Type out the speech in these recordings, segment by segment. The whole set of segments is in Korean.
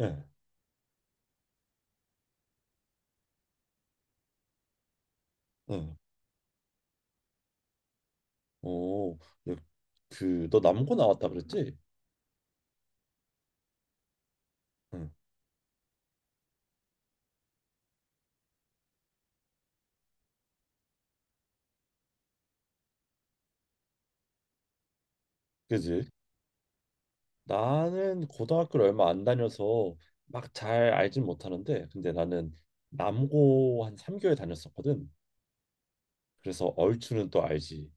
예, 응. 오, 예, 그, 너 남고 나왔다 그랬지? 응, 그지? 나는 고등학교를 얼마 안 다녀서 막 잘 알진 못하는데, 근데 나는 남고 한 3개월 다녔었거든. 그래서 얼추는 또 알지.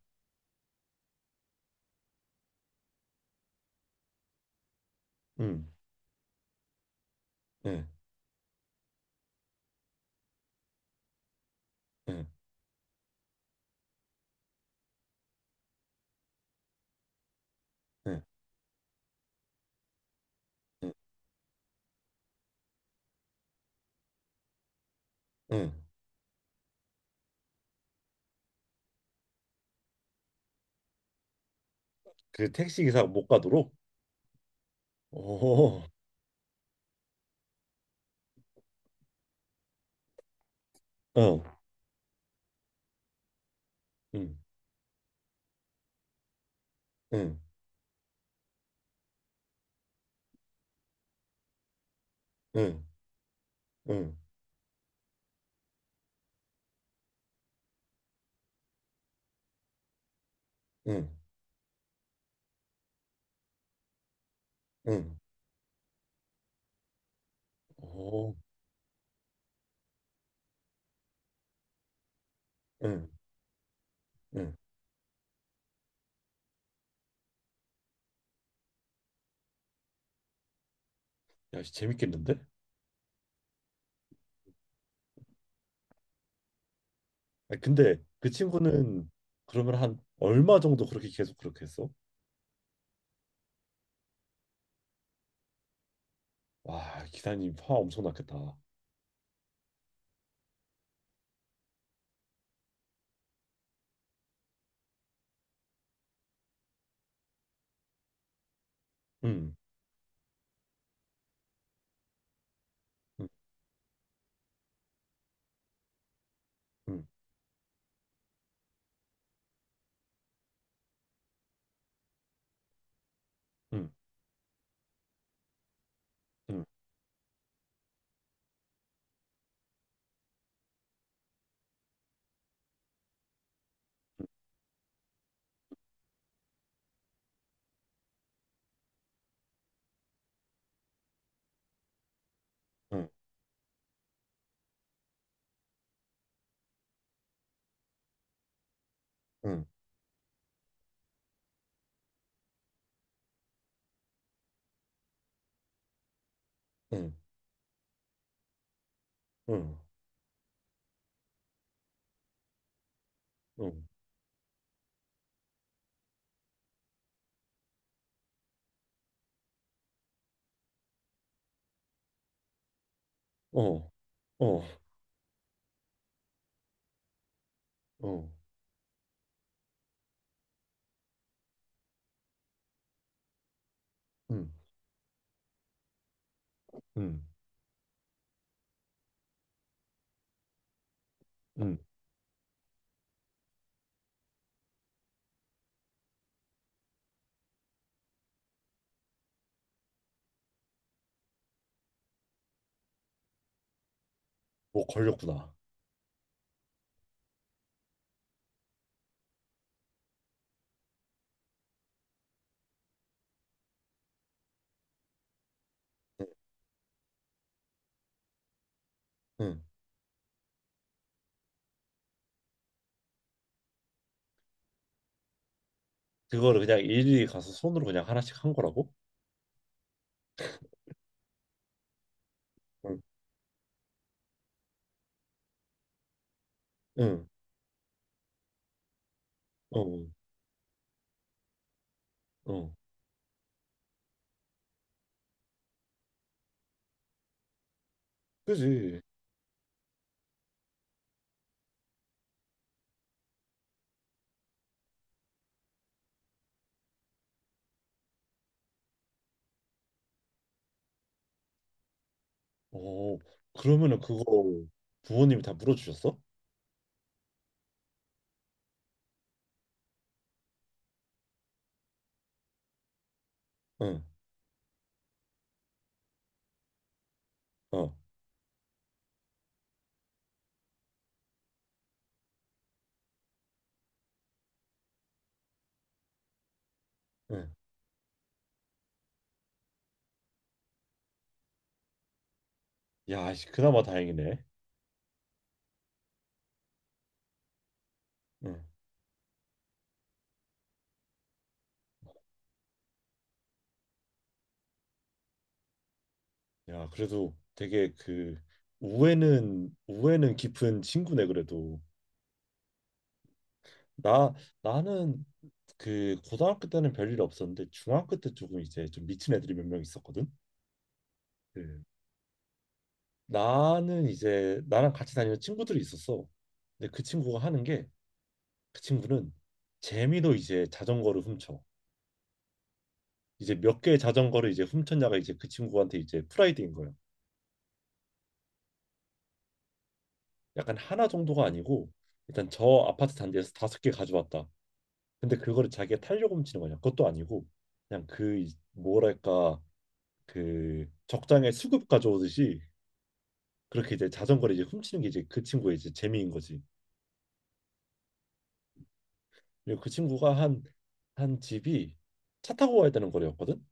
응, 응, 응, 응, 응, 응. 그 택시 기사가 못 가도록. 오, 응, 응, 응, 응, 응, 응, 응. 오, 응, 응. 야, 재밌겠는데? 아니, 근데 그 친구는 그러면 한 얼마 정도 그렇게 계속 그렇게 했어? 와, 기사님 화 엄청 났겠다. 응, 응, 응, 응, 응, 응, 응, 응, 응, 응, 응, 어, 어, 어, 응, 응, 응, 뭐 걸렸구나. 응, 응. 그거를 그냥 일일이 가서 손으로 그냥 하나씩 한 거라고? 응, 응, 어, 어, 그지. 어, 그러면은 그거 부모님이 다 물어주셨어? 응, 어, 응. 야, 씨, 그나마 다행이네. 응. 야, 그래도 되게 그 우애는 깊은 친구네 그래도. 나 나는 그 고등학교 때는 별일 없었는데 중학교 때 조금 이제 좀 미친 애들이 몇 명 있었거든. 그 나는 이제 나랑 같이 다니는 친구들이 있었어. 근데 그 친구가 하는 게 그 친구는 재미로 이제 자전거를 훔쳐. 이제 몇 개의 자전거를 이제 훔쳤냐가 이제 그 친구한테 이제 프라이드인 거야. 약간 하나 정도가 아니고 일단 저 아파트 단지에서 다섯 개 가져왔다. 근데 그거를 자기가 타려고 훔치는 거냐? 그것도 아니고 그냥 그 뭐랄까 그 적장에 수급 가져오듯이 그렇게 이제 자전거를 이제 훔치는 게 이제 그 친구의 이제 재미인 거지. 그리고 그 친구가 한 한 집이 차 타고 가야 되는 거리였거든.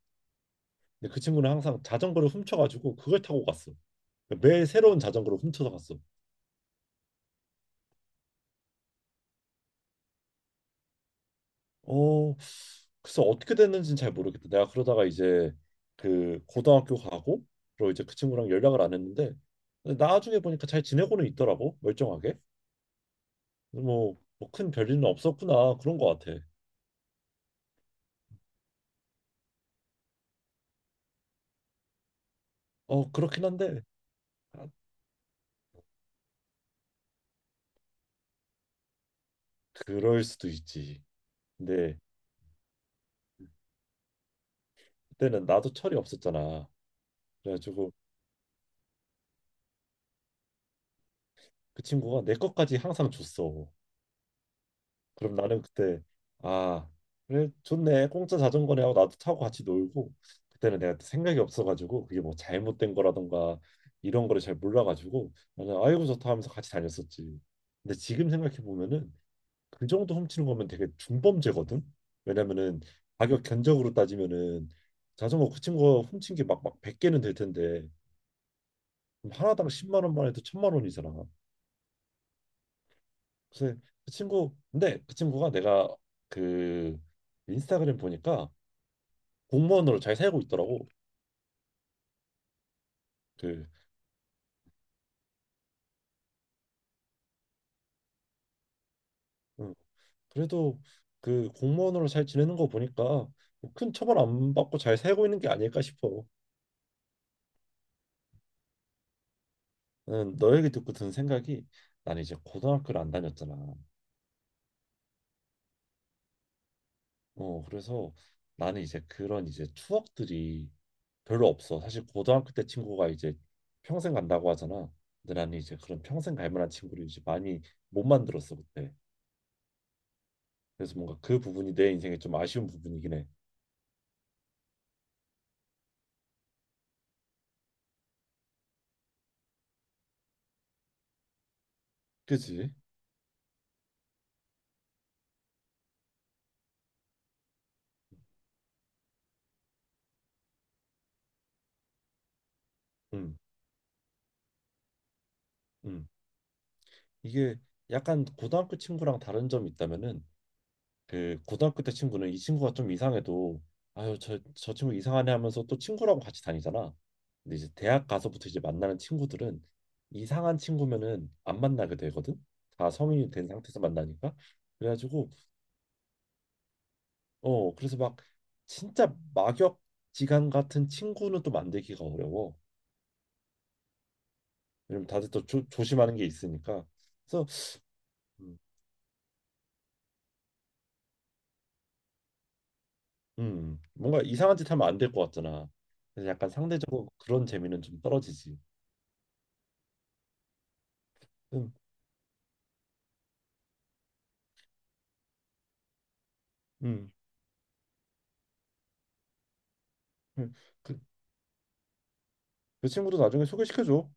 근데 그 친구는 항상 자전거를 훔쳐가지고 그걸 타고 갔어. 매 새로운 자전거를 훔쳐서 갔어. 어, 글쎄 어떻게 됐는지는 잘 모르겠다. 내가 그러다가 이제 그 고등학교 가고 그리고 이제 그 친구랑 연락을 안 했는데 근데 나중에 보니까 잘 지내고는 있더라고 멀쩡하게. 뭐 큰 별일은 없었구나 그런 거 같아. 어 그렇긴 한데. 아, 그럴 수도 있지. 근데 그때는 나도 철이 없었잖아. 그래가지고 그 친구가 내 것까지 항상 줬어. 그럼 나는 그때 아 그래 좋네 공짜 자전거네 하고 나도 타고 같이 놀고 그때는 내가 생각이 없어가지고 그게 뭐 잘못된 거라던가 이런 거를 잘 몰라가지고 나는 아이고 좋다 하면서 같이 다녔었지. 근데 지금 생각해 보면은 그 정도 훔치는 거면 되게 중범죄거든. 왜냐면은 가격 견적으로 따지면은 자전거 그 친구가 훔친 게 막 100개는 될 텐데 그럼 하나당 10만 원만 해도 천만 원이잖아. 그래서 그 친구 근데 그 친구가 내가 그 인스타그램 보니까 공무원으로 잘 살고 있더라고. 그 응. 그래도 그 공무원으로 잘 지내는 거 보니까 뭐큰 처벌 안 받고 잘 살고 있는 게 아닐까 싶어. 응, 너 얘기 듣고 든 생각이 나는 이제 고등학교를 안 다녔잖아. 어 그래서 나는 이제 그런 이제 추억들이 별로 없어 사실 고등학교 때 친구가 이제 평생 간다고 하잖아. 근데 나는 이제 그런 평생 갈 만한 친구를 이제 많이 못 만들었어 그때. 그래서 뭔가 그 부분이 내 인생에 좀 아쉬운 부분이긴 해. 그지? 음, 음. 이게 약간 고등학교 친구랑 다른 점이 있다면은 그 고등학교 때 친구는 이 친구가 좀 이상해도 아유 저 친구 이상하네 하면서 또 친구라고 같이 다니잖아. 근데 이제 대학 가서부터 이제 만나는 친구들은 이상한 친구면은 안 만나게 되거든. 다 성인이 된 상태에서 만나니까. 그래가지고 그래서 막 진짜 막역 지간 같은 친구는 또 만들기가 어려워. 왜냐면 다들 또 조심하는 게 있으니까. 그래서 음, 뭔가 이상한 짓 하면 안 될 것 같잖아. 그래서 약간 상대적으로 그런 재미는 좀 떨어지지. 음, 음. 음. 그, 그 친구도 나중에 소개시켜줘.